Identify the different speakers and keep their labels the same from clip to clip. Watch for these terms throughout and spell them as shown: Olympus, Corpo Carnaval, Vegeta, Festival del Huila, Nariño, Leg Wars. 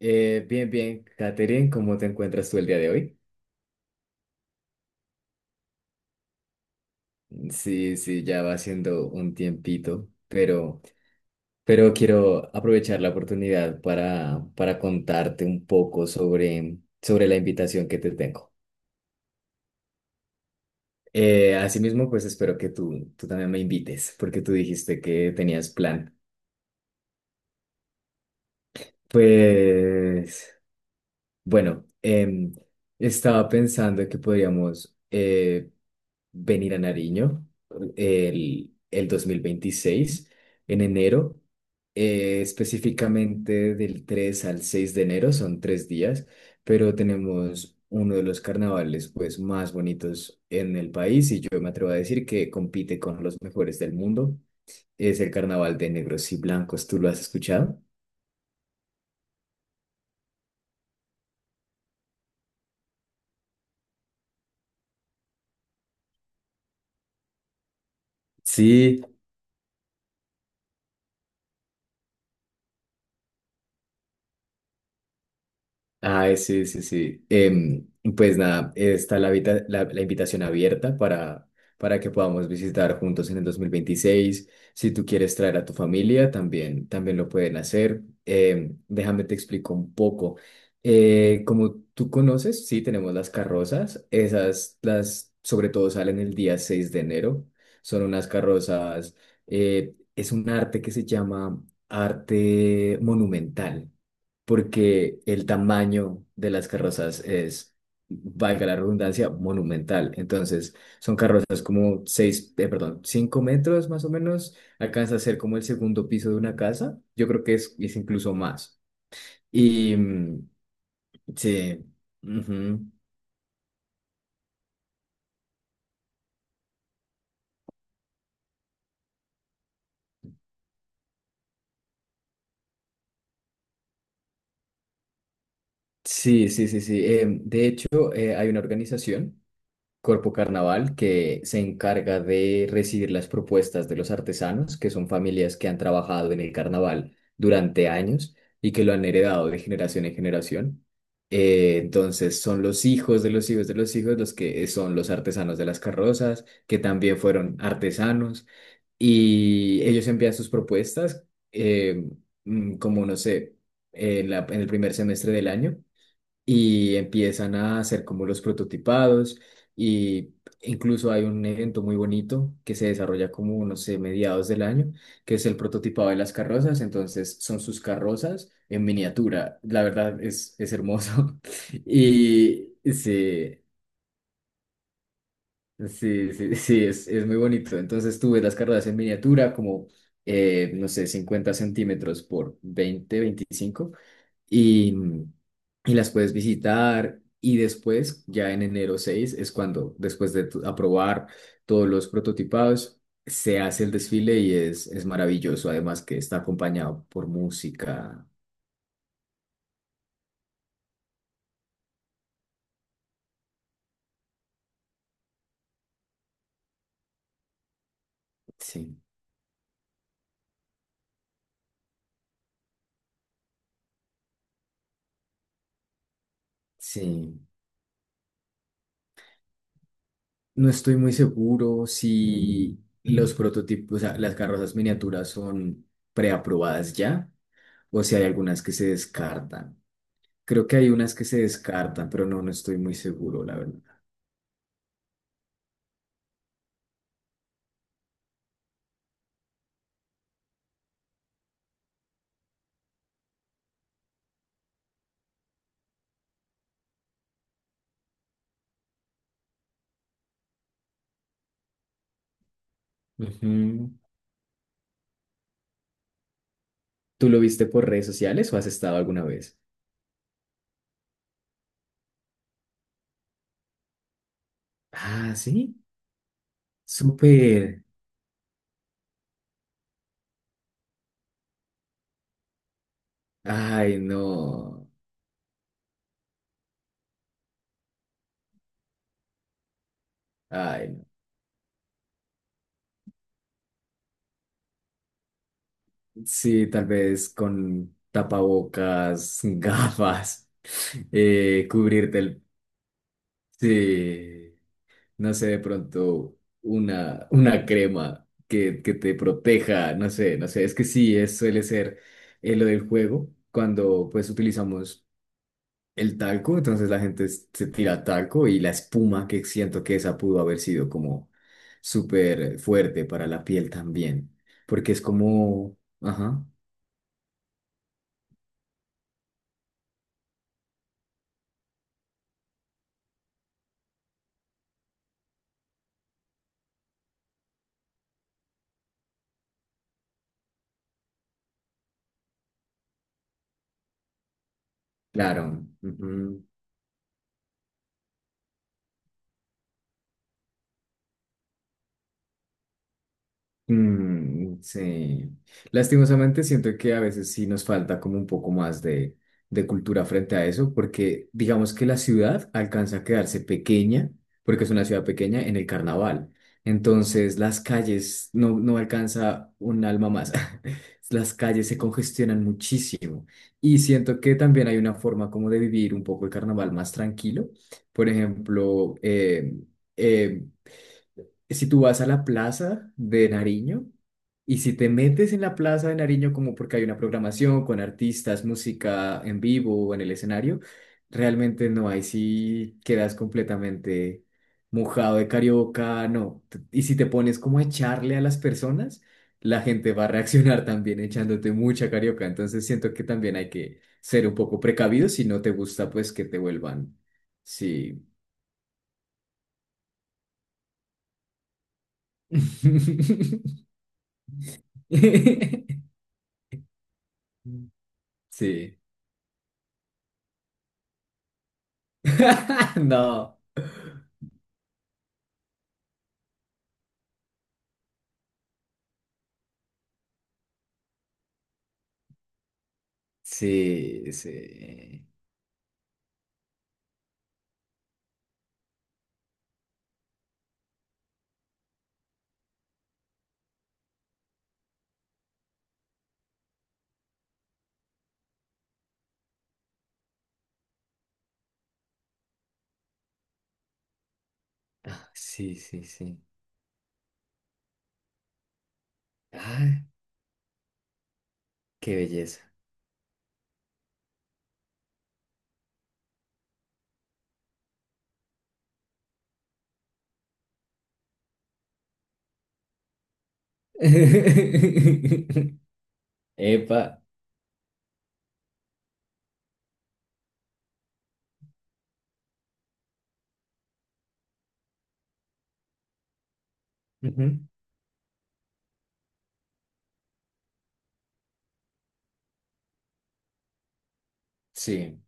Speaker 1: Bien, bien, Katherine, ¿cómo te encuentras tú el día de hoy? Sí, sí, ya va siendo un tiempito, pero quiero aprovechar la oportunidad para contarte un poco sobre la invitación que te tengo. Asimismo, pues espero que tú también me invites, porque tú dijiste que tenías plan. Pues, bueno, estaba pensando que podríamos venir a Nariño el 2026 en enero, específicamente del 3 al 6 de enero, son 3 días, pero tenemos uno de los carnavales pues más bonitos en el país y yo me atrevo a decir que compite con los mejores del mundo. Es el carnaval de negros y blancos, ¿tú lo has escuchado? Sí. Ay, sí, sí, sí. Pues nada, está la invitación abierta para que podamos visitar juntos en el 2026. Si tú quieres traer a tu familia, también lo pueden hacer. Déjame te explico un poco. Como tú conoces, sí, tenemos las carrozas. Esas, las, sobre todo, salen el día 6 de enero. Son unas carrozas, es un arte que se llama arte monumental porque el tamaño de las carrozas es, valga la redundancia, monumental. Entonces, son carrozas como seis, perdón, 5 metros más o menos, alcanza a ser como el segundo piso de una casa. Yo creo que es incluso más. Y sí, ujú. Sí, sí, sí, sí. De hecho, hay una organización, Corpo Carnaval, que se encarga de recibir las propuestas de los artesanos, que son familias que han trabajado en el carnaval durante años y que lo han heredado de generación en generación. Entonces son los hijos de los hijos de los hijos los que son los artesanos de las carrozas, que también fueron artesanos, y ellos envían sus propuestas, eh, como no sé, en el primer semestre del año y empiezan a hacer como los prototipados y incluso hay un evento muy bonito que se desarrolla como, no sé, mediados del año, que es el prototipado de las carrozas, entonces son sus carrozas en miniatura, la verdad es hermoso y sí, sí, sí, sí, es muy bonito, entonces tú ves las carrozas en miniatura como, no sé, 50 centímetros por 20 25, y, y las puedes visitar. Y después, ya en enero 6 es cuando, después de aprobar todos los prototipados, se hace el desfile y es maravilloso. Además que está acompañado por música. Sí, sí. No estoy muy seguro si los prototipos, o sea, las carrozas miniaturas son preaprobadas ya o si hay algunas que se descartan. Creo que hay unas que se descartan, pero no estoy muy seguro, la verdad. Ujú. ¿Tú lo viste por redes sociales o has estado alguna vez? Ah, sí, súper. Ay, no. Ay, no. Sí, tal vez con tapabocas, gafas, cubrirte el... Sí, no sé, de pronto una crema que te proteja, no sé, no sé, es que sí, es, suele ser, lo del juego cuando pues utilizamos... el talco, entonces la gente se tira talco y la espuma, que siento que esa pudo haber sido como súper fuerte para la piel también, porque es como, ajá, claro, ujú. Mm, sí. Lastimosamente siento que a veces sí nos falta como un poco más de cultura frente a eso, porque digamos que la ciudad alcanza a quedarse pequeña, porque es una ciudad pequeña en el carnaval. Entonces las calles no alcanza un alma más. Las calles se congestionan muchísimo. Y siento que también hay una forma como de vivir un poco el carnaval más tranquilo. Por ejemplo, em, si tú vas a la plaza de Nariño y si te metes en la plaza de Nariño como porque hay una programación con artistas, música en vivo o en el escenario, realmente no, ahí sí quedas completamente mojado de carioca, no. Y si te pones como a echarle a las personas, la gente va a reaccionar también echándote mucha carioca, entonces siento que también hay que ser un poco precavido si no te gusta pues que te vuelvan, sí. Sí. No. Sí, sí. Ah, sí, sí, sí. Ah, qué belleza. Epa. Ujú. Sí,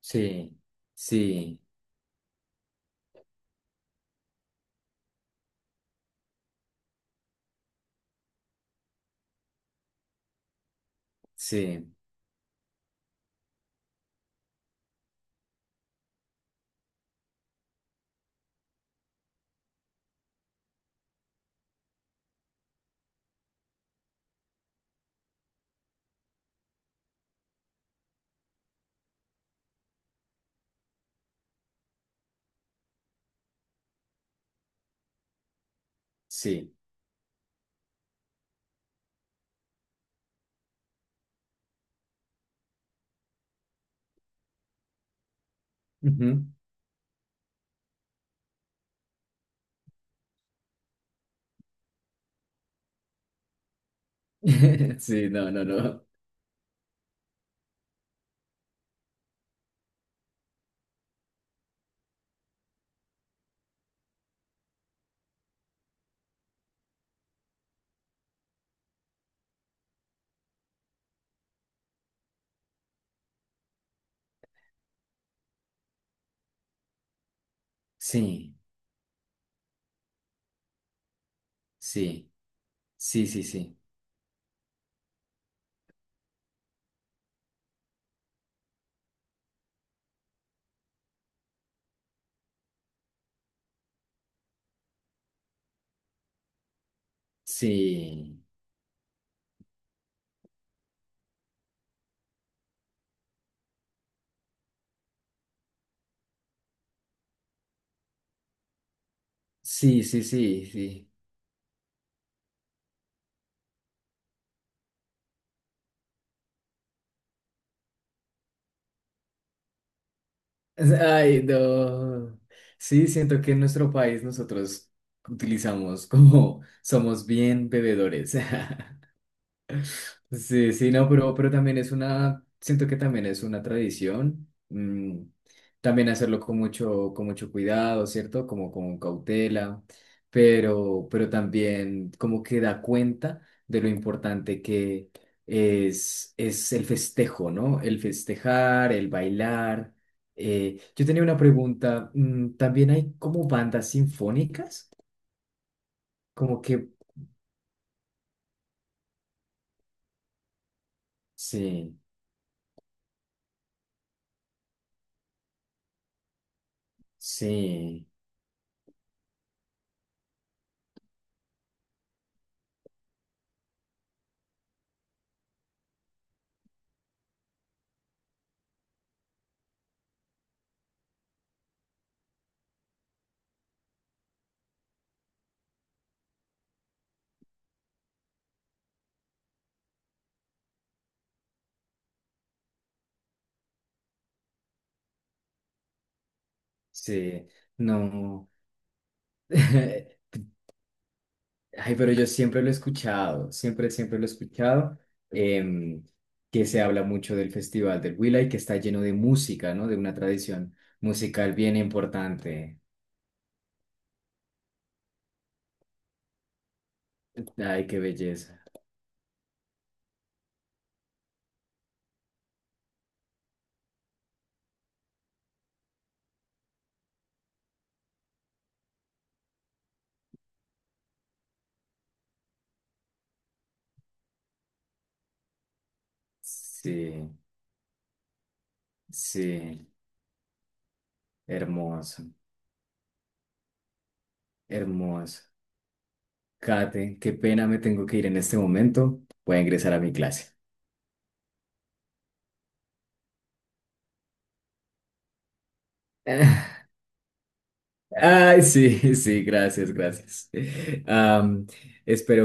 Speaker 1: sí, sí, sí, sí. Ujú. Sí, no, no, no. Sí, sí, sí, sí, sí. Sí, sí, sí, sí, sí. Ay, no. Sí, siento que en nuestro país nosotros utilizamos como somos bien bebedores. Sí, sí, no, pero también es una, siento que también es una tradición, también hacerlo con mucho cuidado, ¿cierto? Como con cautela, pero también como que da cuenta de lo importante que es el festejo, ¿no? El festejar, el bailar. Yo tenía una pregunta, ¿también hay como bandas sinfónicas? Como que, sí, sí, sí, no. Ay, pero yo siempre lo he escuchado, siempre, siempre lo he escuchado, em, que se habla mucho del Festival del Huila y que está lleno de música, ¿no? De una tradición musical bien importante. Ay, qué belleza. Sí, sí, hermoso, hermoso. Kate, qué pena, me tengo que ir en este momento. Voy a ingresar a mi clase. Ay, sí, sí, gracias, gracias. Am, espero